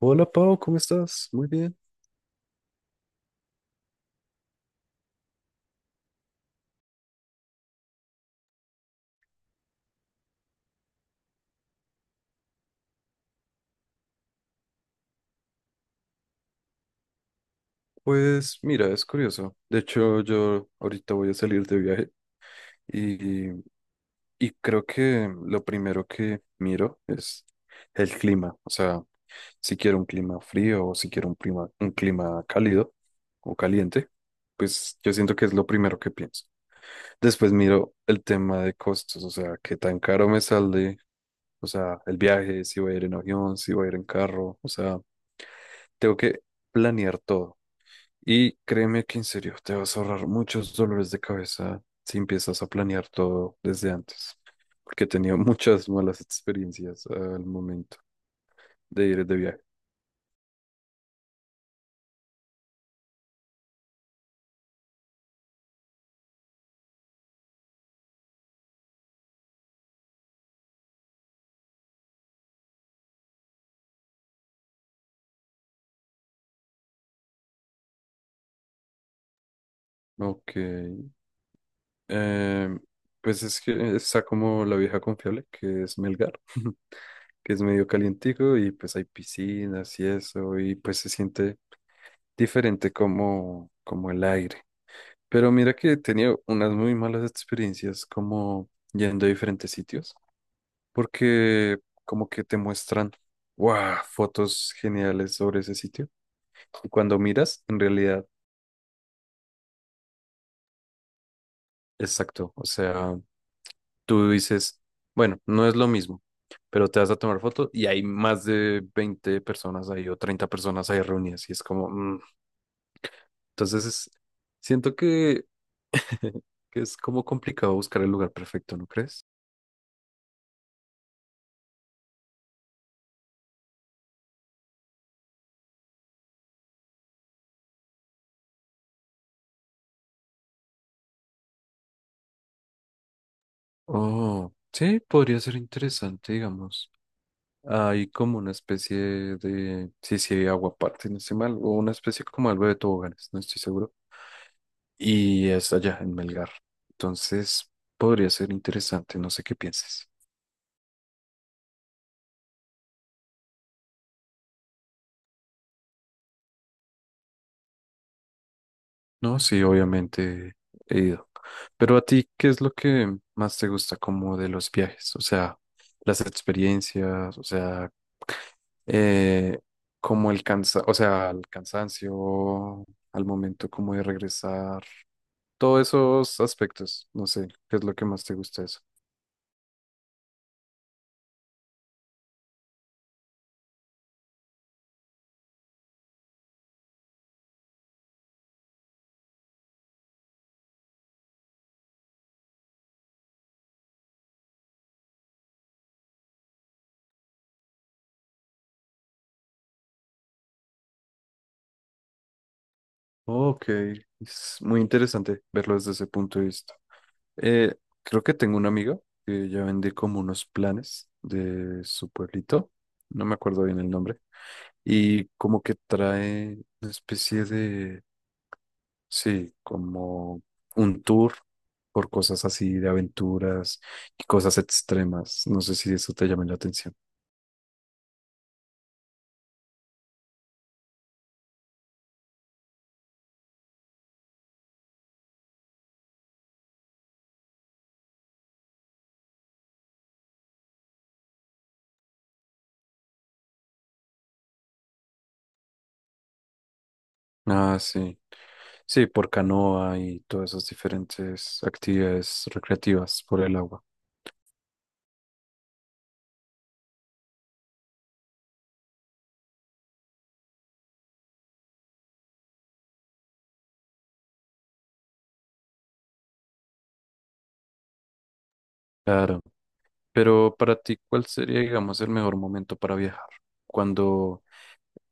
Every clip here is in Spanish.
Hola Pau, ¿cómo estás? Muy bien. Pues mira, es curioso. De hecho, yo ahorita voy a salir de viaje y, y creo que lo primero que miro es el clima. O sea, si quiero un clima frío o si quiero un clima cálido o caliente, pues yo siento que es lo primero que pienso. Después miro el tema de costos, o sea, qué tan caro me sale, o sea, el viaje, si voy a ir en avión, si voy a ir en carro, o sea, tengo que planear todo. Y créeme que en serio te vas a ahorrar muchos dolores de cabeza si empiezas a planear todo desde antes, porque he tenido muchas malas experiencias al momento de ir de viaje. Ok, em, pues es que está como la vieja confiable, que es Melgar, que es medio calientico y pues hay piscinas y eso, y pues se siente diferente como, como el aire. Pero mira que he tenido unas muy malas experiencias como yendo a diferentes sitios. Porque como que te muestran, wow, fotos geniales sobre ese sitio. Y cuando miras, en realidad, exacto, o sea, tú dices, bueno, no es lo mismo, pero te vas a tomar foto y hay más de 20 personas ahí o 30 personas ahí reunidas y es como, Entonces es- siento que, que es como complicado buscar el lugar perfecto, ¿no crees? Oh, sí, podría ser interesante, digamos. Hay como una especie de, sí, sí, hay agua aguaparte, no estoy mal, o una especie como algo de toboganes, no estoy seguro. Y es allá, en Melgar. Entonces, podría ser interesante, no sé qué pienses. No, sí, obviamente he ido. Pero a ti, ¿qué es lo que más te gusta como de los viajes? O sea, las experiencias, o sea, eh, como o sea, el cansancio, al momento como de regresar. Todos esos aspectos, no sé, ¿qué es lo que más te gusta de eso? Ok, es muy interesante verlo desde ese punto de vista. Eh, creo que tengo una amiga que ella vende como unos planes de su pueblito, no me acuerdo bien el nombre, y como que trae una especie de, sí, como un tour por cosas así de aventuras y cosas extremas. No sé si eso te llama la atención. Ah, sí. Sí, por canoa y todas esas diferentes actividades recreativas por el agua. Claro. Pero para ti, ¿cuál sería, digamos, el mejor momento para viajar? ¿Cuando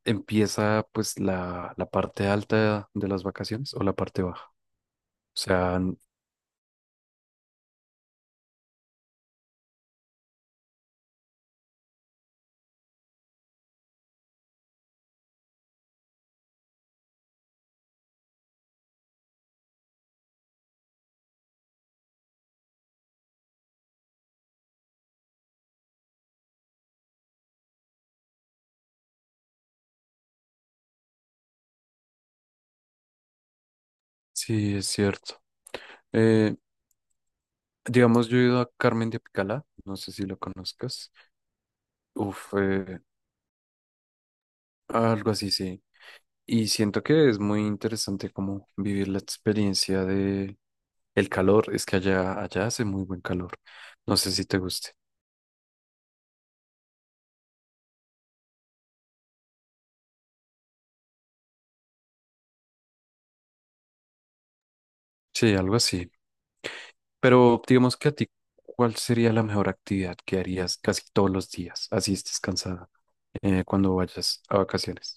empieza, pues, la parte alta de las vacaciones o la parte baja? O sea, n- sí, es cierto. Eh, digamos, yo he ido a Carmen de Apicalá, no sé si lo conozcas. Uf, eh, algo así, sí. Y siento que es muy interesante como vivir la experiencia. El calor, es que allá hace muy buen calor. No sé si te guste. Sí, algo así. Pero digamos que a ti, ¿cuál sería la mejor actividad que harías casi todos los días? Así estés cansada cuando vayas a vacaciones.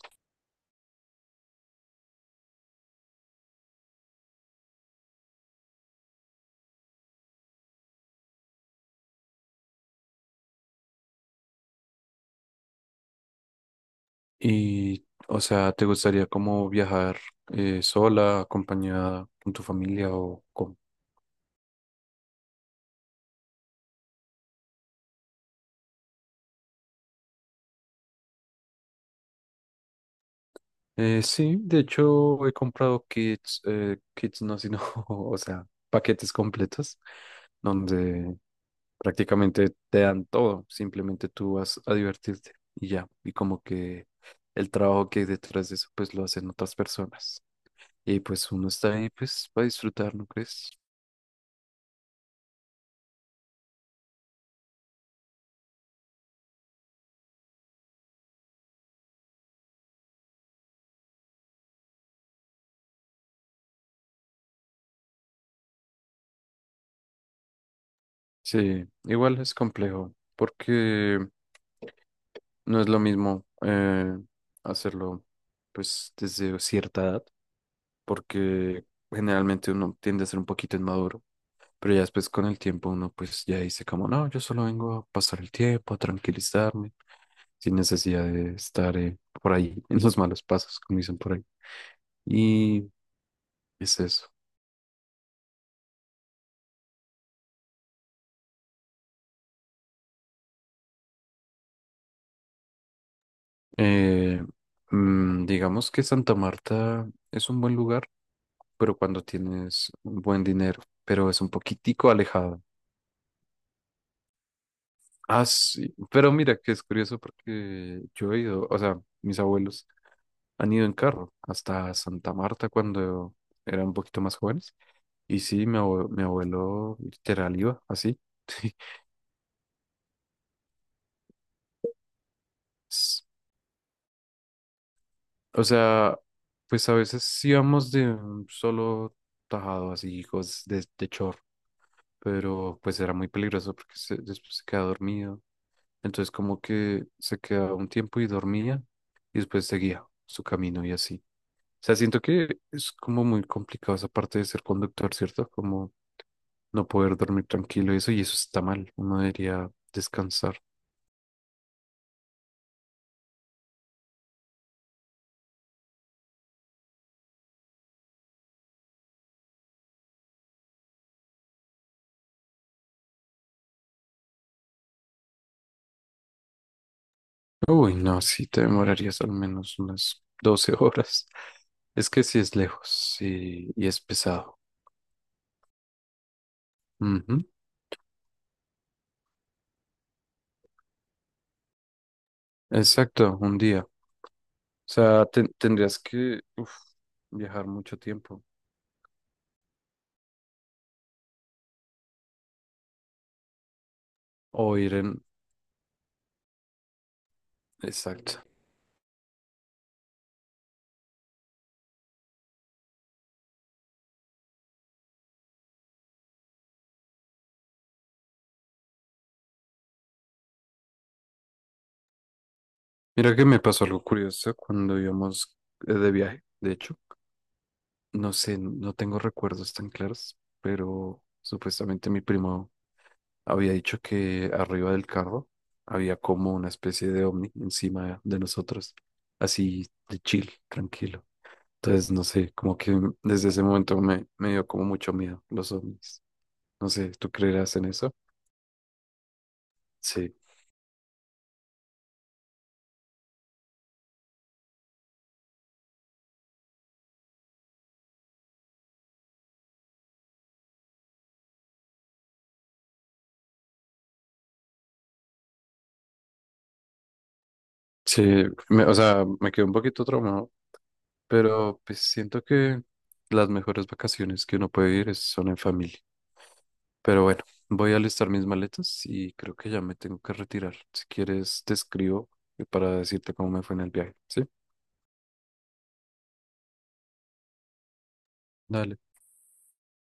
Y, o sea, ¿te gustaría como viajar sola, acompañada con tu familia o con... sí, de hecho he comprado kits, kits no, sino, o sea, paquetes completos donde prácticamente te dan todo, simplemente tú vas a divertirte y ya. Y como que el trabajo que hay detrás de eso, pues lo hacen otras personas. Y pues uno está ahí, pues, para disfrutar, ¿no crees? Sí, igual es complejo, porque no es lo mismo hacerlo, pues, desde cierta edad, porque generalmente uno tiende a ser un poquito inmaduro. Pero ya después con el tiempo uno pues ya dice como, no, yo solo vengo a pasar el tiempo, a tranquilizarme, sin necesidad de estar por ahí en los malos pasos, como dicen por ahí. Y es eso. Eh, digamos que Santa Marta es un buen lugar, pero cuando tienes un buen dinero, pero es un poquitico alejado. Ah, sí, pero mira que es curioso porque yo he ido, o sea, mis abuelos han ido en carro hasta Santa Marta cuando eran un poquito más jóvenes. Y sí, mi abuelo literal iba así. O sea, pues a veces íbamos de un solo tajado, así, hijos de chor, pero pues era muy peligroso porque después se quedaba dormido. Entonces como que se quedaba un tiempo y dormía y después seguía su camino y así. O sea, siento que es como muy complicado esa parte de ser conductor, ¿cierto? Como no poder dormir tranquilo y eso está mal. Uno debería descansar. Uy, no, sí, te demorarías al menos unas 12 horas. Es que sí es lejos y es pesado. Ujú. Exacto, un día. O sea, tendrías que uf, viajar mucho tiempo o ir en... Exacto. Mira que me pasó algo curioso cuando íbamos de viaje, de hecho. No sé, no tengo recuerdos tan claros, pero supuestamente mi primo había dicho que arriba del carro había como una especie de ovni encima de nosotros, así de chill, tranquilo. Entonces, no sé, como que desde ese momento me dio como mucho miedo los ovnis. No sé, ¿tú creerás en eso? Sí. Sí, o sea, me quedé un poquito traumado, pero pues siento que las mejores vacaciones que uno puede ir son en familia. Pero bueno, voy a alistar mis maletas y creo que ya me tengo que retirar. Si quieres, te escribo para decirte cómo me fue en el viaje, ¿sí? Dale.